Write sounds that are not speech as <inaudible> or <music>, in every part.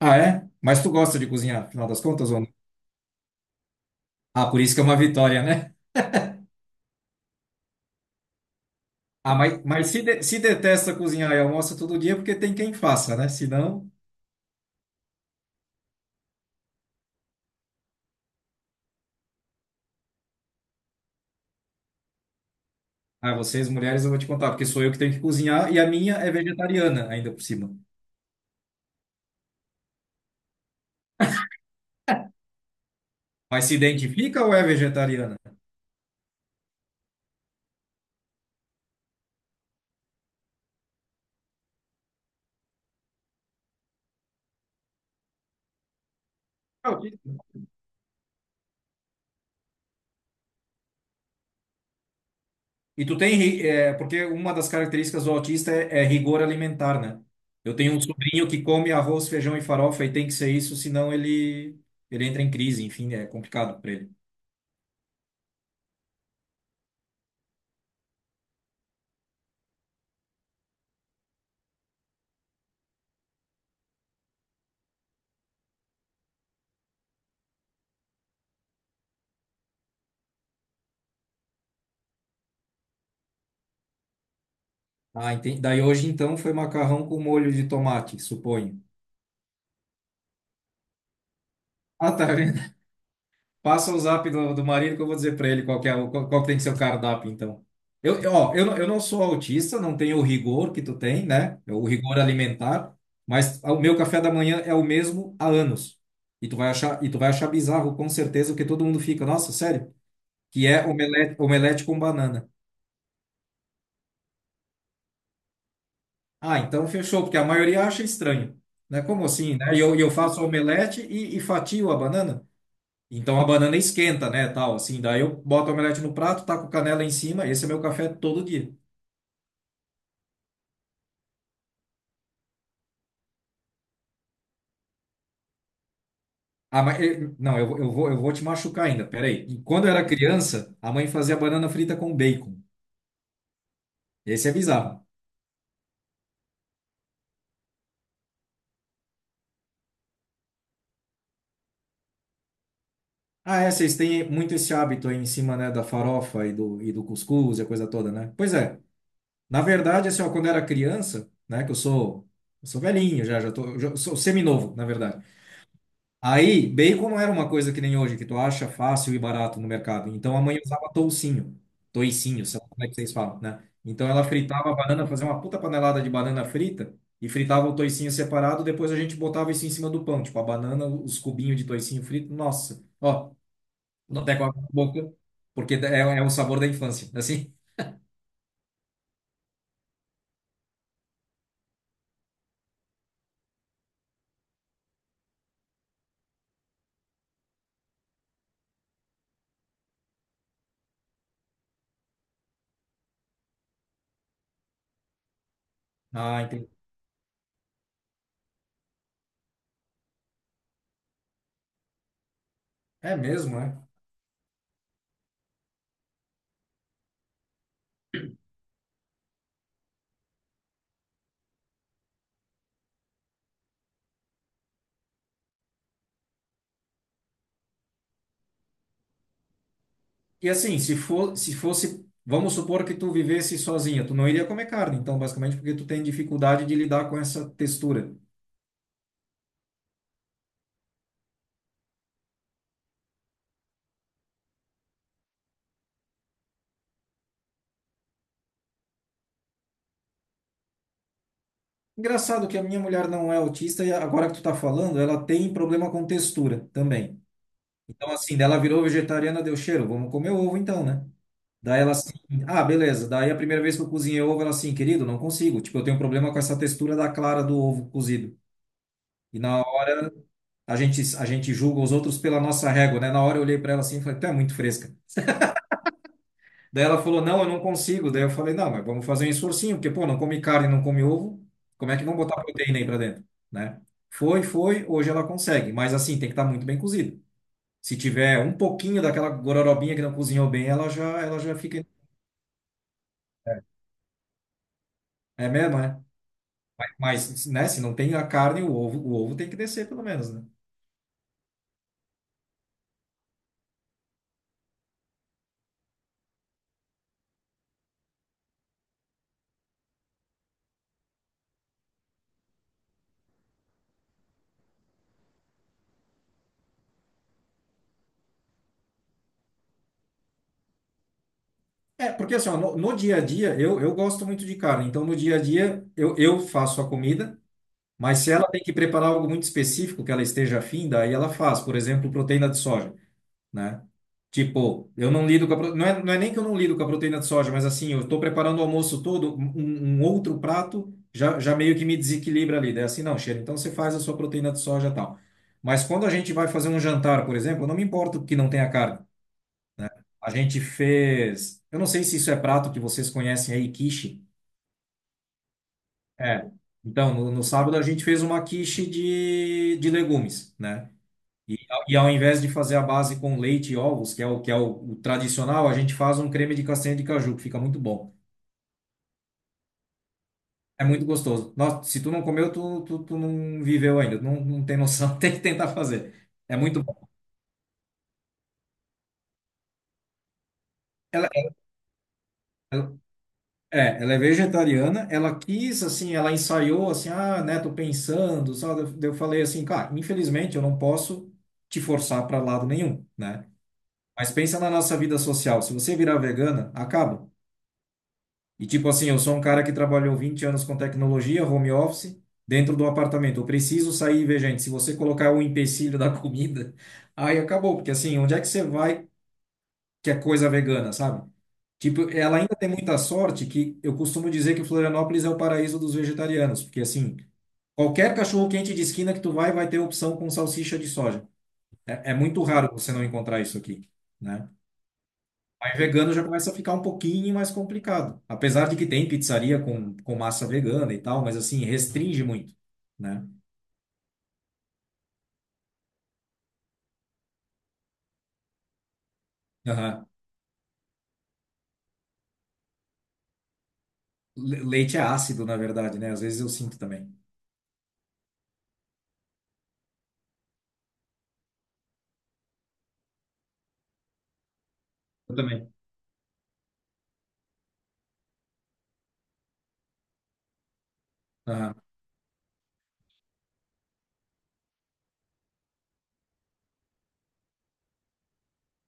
Ah, é? Mas tu gosta de cozinhar, afinal das contas, ou não? Ah, por isso que é uma vitória, né? Ah, mas se, se detesta cozinhar e almoça todo dia, é porque tem quem faça, né? Se não, ah, vocês mulheres eu vou te contar, porque sou eu que tenho que cozinhar e a minha é vegetariana ainda por cima. Mas se identifica ou é vegetariana? É autista. E tu tem, porque uma das características do autista é rigor alimentar, né? Eu tenho um sobrinho que come arroz, feijão e farofa e tem que ser isso, ele entra em crise, enfim, é complicado para ele. Ah, entendi. Daí hoje então foi macarrão com molho de tomate, suponho. Ah, tá vendo? <laughs> Passa o zap do marido que eu vou dizer para ele qual que é, qual, qual que tem que ser o cardápio, então. Eu não sou autista, não tenho o rigor que tu tem, né? É o rigor alimentar, mas o meu café da manhã é o mesmo há anos. E tu vai achar bizarro, com certeza, que todo mundo fica, nossa, sério? Que é omelete, omelete com banana. Ah, então fechou, porque a maioria acha estranho, né? Como assim, né? E eu faço omelete e fatio a banana? Então a banana esquenta, né, tal, assim. Daí eu boto a omelete no prato, taco canela em cima. Esse é meu café todo dia. Ah, mas, não, eu vou te machucar ainda, peraí. E quando eu era criança, a mãe fazia banana frita com bacon. Esse é bizarro. Ah, é, vocês têm muito esse hábito aí em cima, né, da farofa e do cuscuz e a coisa toda, né? Pois é. Na verdade, assim, ó, quando eu era criança, né, que eu sou velhinho já, já tô, eu sou seminovo, na verdade. Aí, bacon não era uma coisa que nem hoje, que tu acha fácil e barato no mercado. Então a mãe usava toucinho, toicinho, sei lá como é que vocês falam, né? Então ela fritava a banana, fazia uma puta panelada de banana frita e fritava o toicinho separado, depois a gente botava isso em cima do pão, tipo a banana, os cubinhos de toicinho frito. Nossa, ó, tô até com a boca, porque é, é o sabor da infância, assim. Ah, entendi. É mesmo, é? E assim, se fosse, vamos supor que tu vivesse sozinha, tu não iria comer carne, então, basicamente, porque tu tem dificuldade de lidar com essa textura. Engraçado que a minha mulher não é autista e agora que tu tá falando, ela tem problema com textura também. Então, assim, dela virou vegetariana, deu cheiro, vamos comer ovo então, né? Daí ela assim, ah, beleza. Daí a primeira vez que eu cozinhei ovo, ela assim, querido, não consigo. Tipo, eu tenho problema com essa textura da clara do ovo cozido. E na hora, a gente julga os outros pela nossa régua, né? Na hora eu olhei para ela assim e falei, tu é muito fresca. Daí ela falou, não, eu não consigo. Daí eu falei, não, mas vamos fazer um esforcinho, porque, pô, não come carne, não come ovo, como é que vão botar proteína aí pra dentro, né? Hoje ela consegue, mas assim, tem que estar muito bem cozido. Se tiver um pouquinho daquela gororobinha que não cozinhou bem, ela já fica... É mesmo, é? Mas, né, se não tem a carne, o ovo tem que descer pelo menos, né? É, porque assim, ó, no, no dia a dia, eu gosto muito de carne, então no dia a dia eu faço a comida. Mas se ela tem que preparar algo muito específico que ela esteja afim, daí ela faz, por exemplo, proteína de soja, né? Tipo, eu não lido com a, não é, não é nem que eu não lido com a proteína de soja, mas assim, eu estou preparando o almoço todo, um outro prato já meio que me desequilibra ali. Daí assim, não, cheiro, então você faz a sua proteína de soja e tal. Mas quando a gente vai fazer um jantar, por exemplo, eu não me importo que não tenha carne. A gente fez, eu não sei se isso é prato que vocês conhecem aí, quiche. É. Então, no sábado a gente fez uma quiche de legumes, né? E, e ao invés de fazer a base com leite e ovos, que é o que é o tradicional, a gente faz um creme de castanha de caju, que fica muito bom. É muito gostoso. Nossa, se tu não comeu, tu não viveu ainda. Não, não tem noção. <laughs> Tem que tentar fazer. É muito bom. Ela, ela- é, ela é vegetariana. Ela quis, assim, ela ensaiou, assim, ah, né, tô pensando, sabe? Daí eu falei assim, cara, infelizmente eu não posso te forçar para lado nenhum, né? Mas pensa na nossa vida social. Se você virar vegana, acaba. E tipo assim, eu sou um cara que trabalhou 20 anos com tecnologia, home office, dentro do apartamento. Eu preciso sair e ver gente. Se você colocar o empecilho da comida, <laughs> aí acabou. Porque assim, onde é que você vai que é coisa vegana, sabe? Tipo, ela ainda tem muita sorte que eu costumo dizer que Florianópolis é o paraíso dos vegetarianos. Porque assim, qualquer cachorro-quente de esquina que tu vai, vai ter opção com salsicha de soja. É, é muito raro você não encontrar isso aqui, né? Aí vegano já começa a ficar um pouquinho mais complicado. Apesar de que tem pizzaria com massa vegana e tal, mas assim, restringe muito, né? Aham. Leite é ácido, na verdade, né? Às vezes eu sinto também. Eu também. Aham.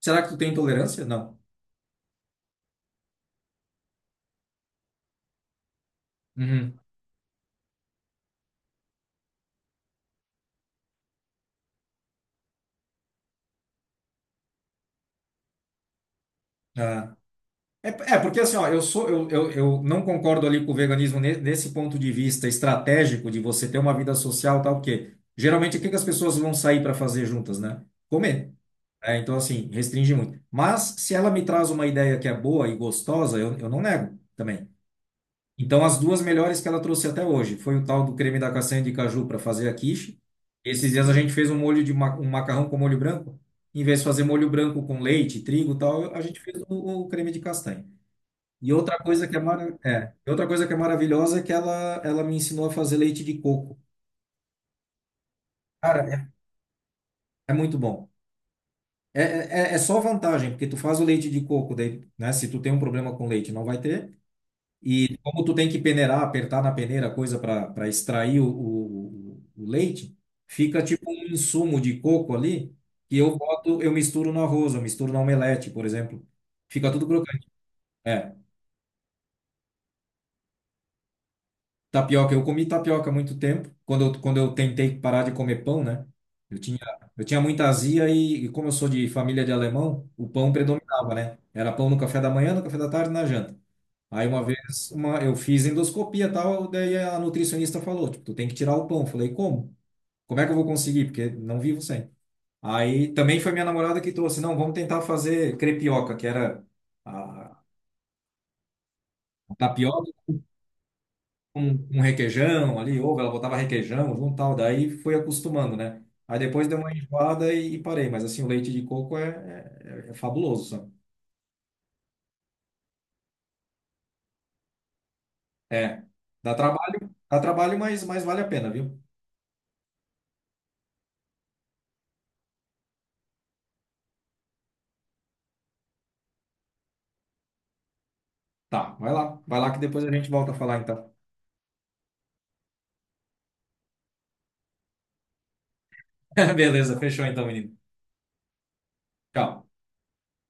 Será que tu tem intolerância? Não. Uhum. Aham. É, é, porque assim, ó, eu sou, eu não concordo ali com o veganismo nesse ponto de vista estratégico de você ter uma vida social, tal, porque geralmente o que que as pessoas vão sair para fazer juntas, né? Comer. É, então, assim, restringe muito. Mas se ela me traz uma ideia que é boa e gostosa, eu não nego também. Então, as duas melhores que ela trouxe até hoje foi o tal do creme da castanha de caju para fazer a quiche. Esses dias a gente fez um macarrão com molho branco. Em vez de fazer molho branco com leite, trigo e tal, a gente fez o creme de castanha. E outra coisa que é, é, e outra coisa que é maravilhosa é que ela me ensinou a fazer leite de coco. Cara, é, é muito bom. É só vantagem, porque tu faz o leite de coco, daí, né? Se tu tem um problema com leite, não vai ter. E como tu tem que peneirar, apertar na peneira, coisa para extrair o leite, fica tipo um insumo de coco ali, que eu boto, eu misturo no arroz, eu misturo na omelete, por exemplo. Fica tudo crocante. É. Tapioca, eu comi tapioca há muito tempo, quando eu tentei parar de comer pão, né? Eu tinha, eu tinha muita azia e como eu sou de família de alemão, o pão predominava, né? Era pão no café da manhã, no café da tarde, e na janta. Aí uma vez uma, eu fiz endoscopia e tal, daí a nutricionista falou, tipo, tu tem que tirar o pão. Eu falei, como? Como é que eu vou conseguir? Porque não vivo sem. Aí também foi minha namorada que trouxe, não, vamos tentar fazer crepioca, que era a a tapioca um, um requeijão ali, ovo, ela botava requeijão junto, tal, daí fui acostumando, né? Aí depois deu uma enjoada e parei, mas assim, o leite de coco é fabuloso, sabe? É, dá trabalho, mas vale a pena, viu? Tá, vai lá que depois a gente volta a falar então. <laughs> Beleza, fechou então, menino. Tchau.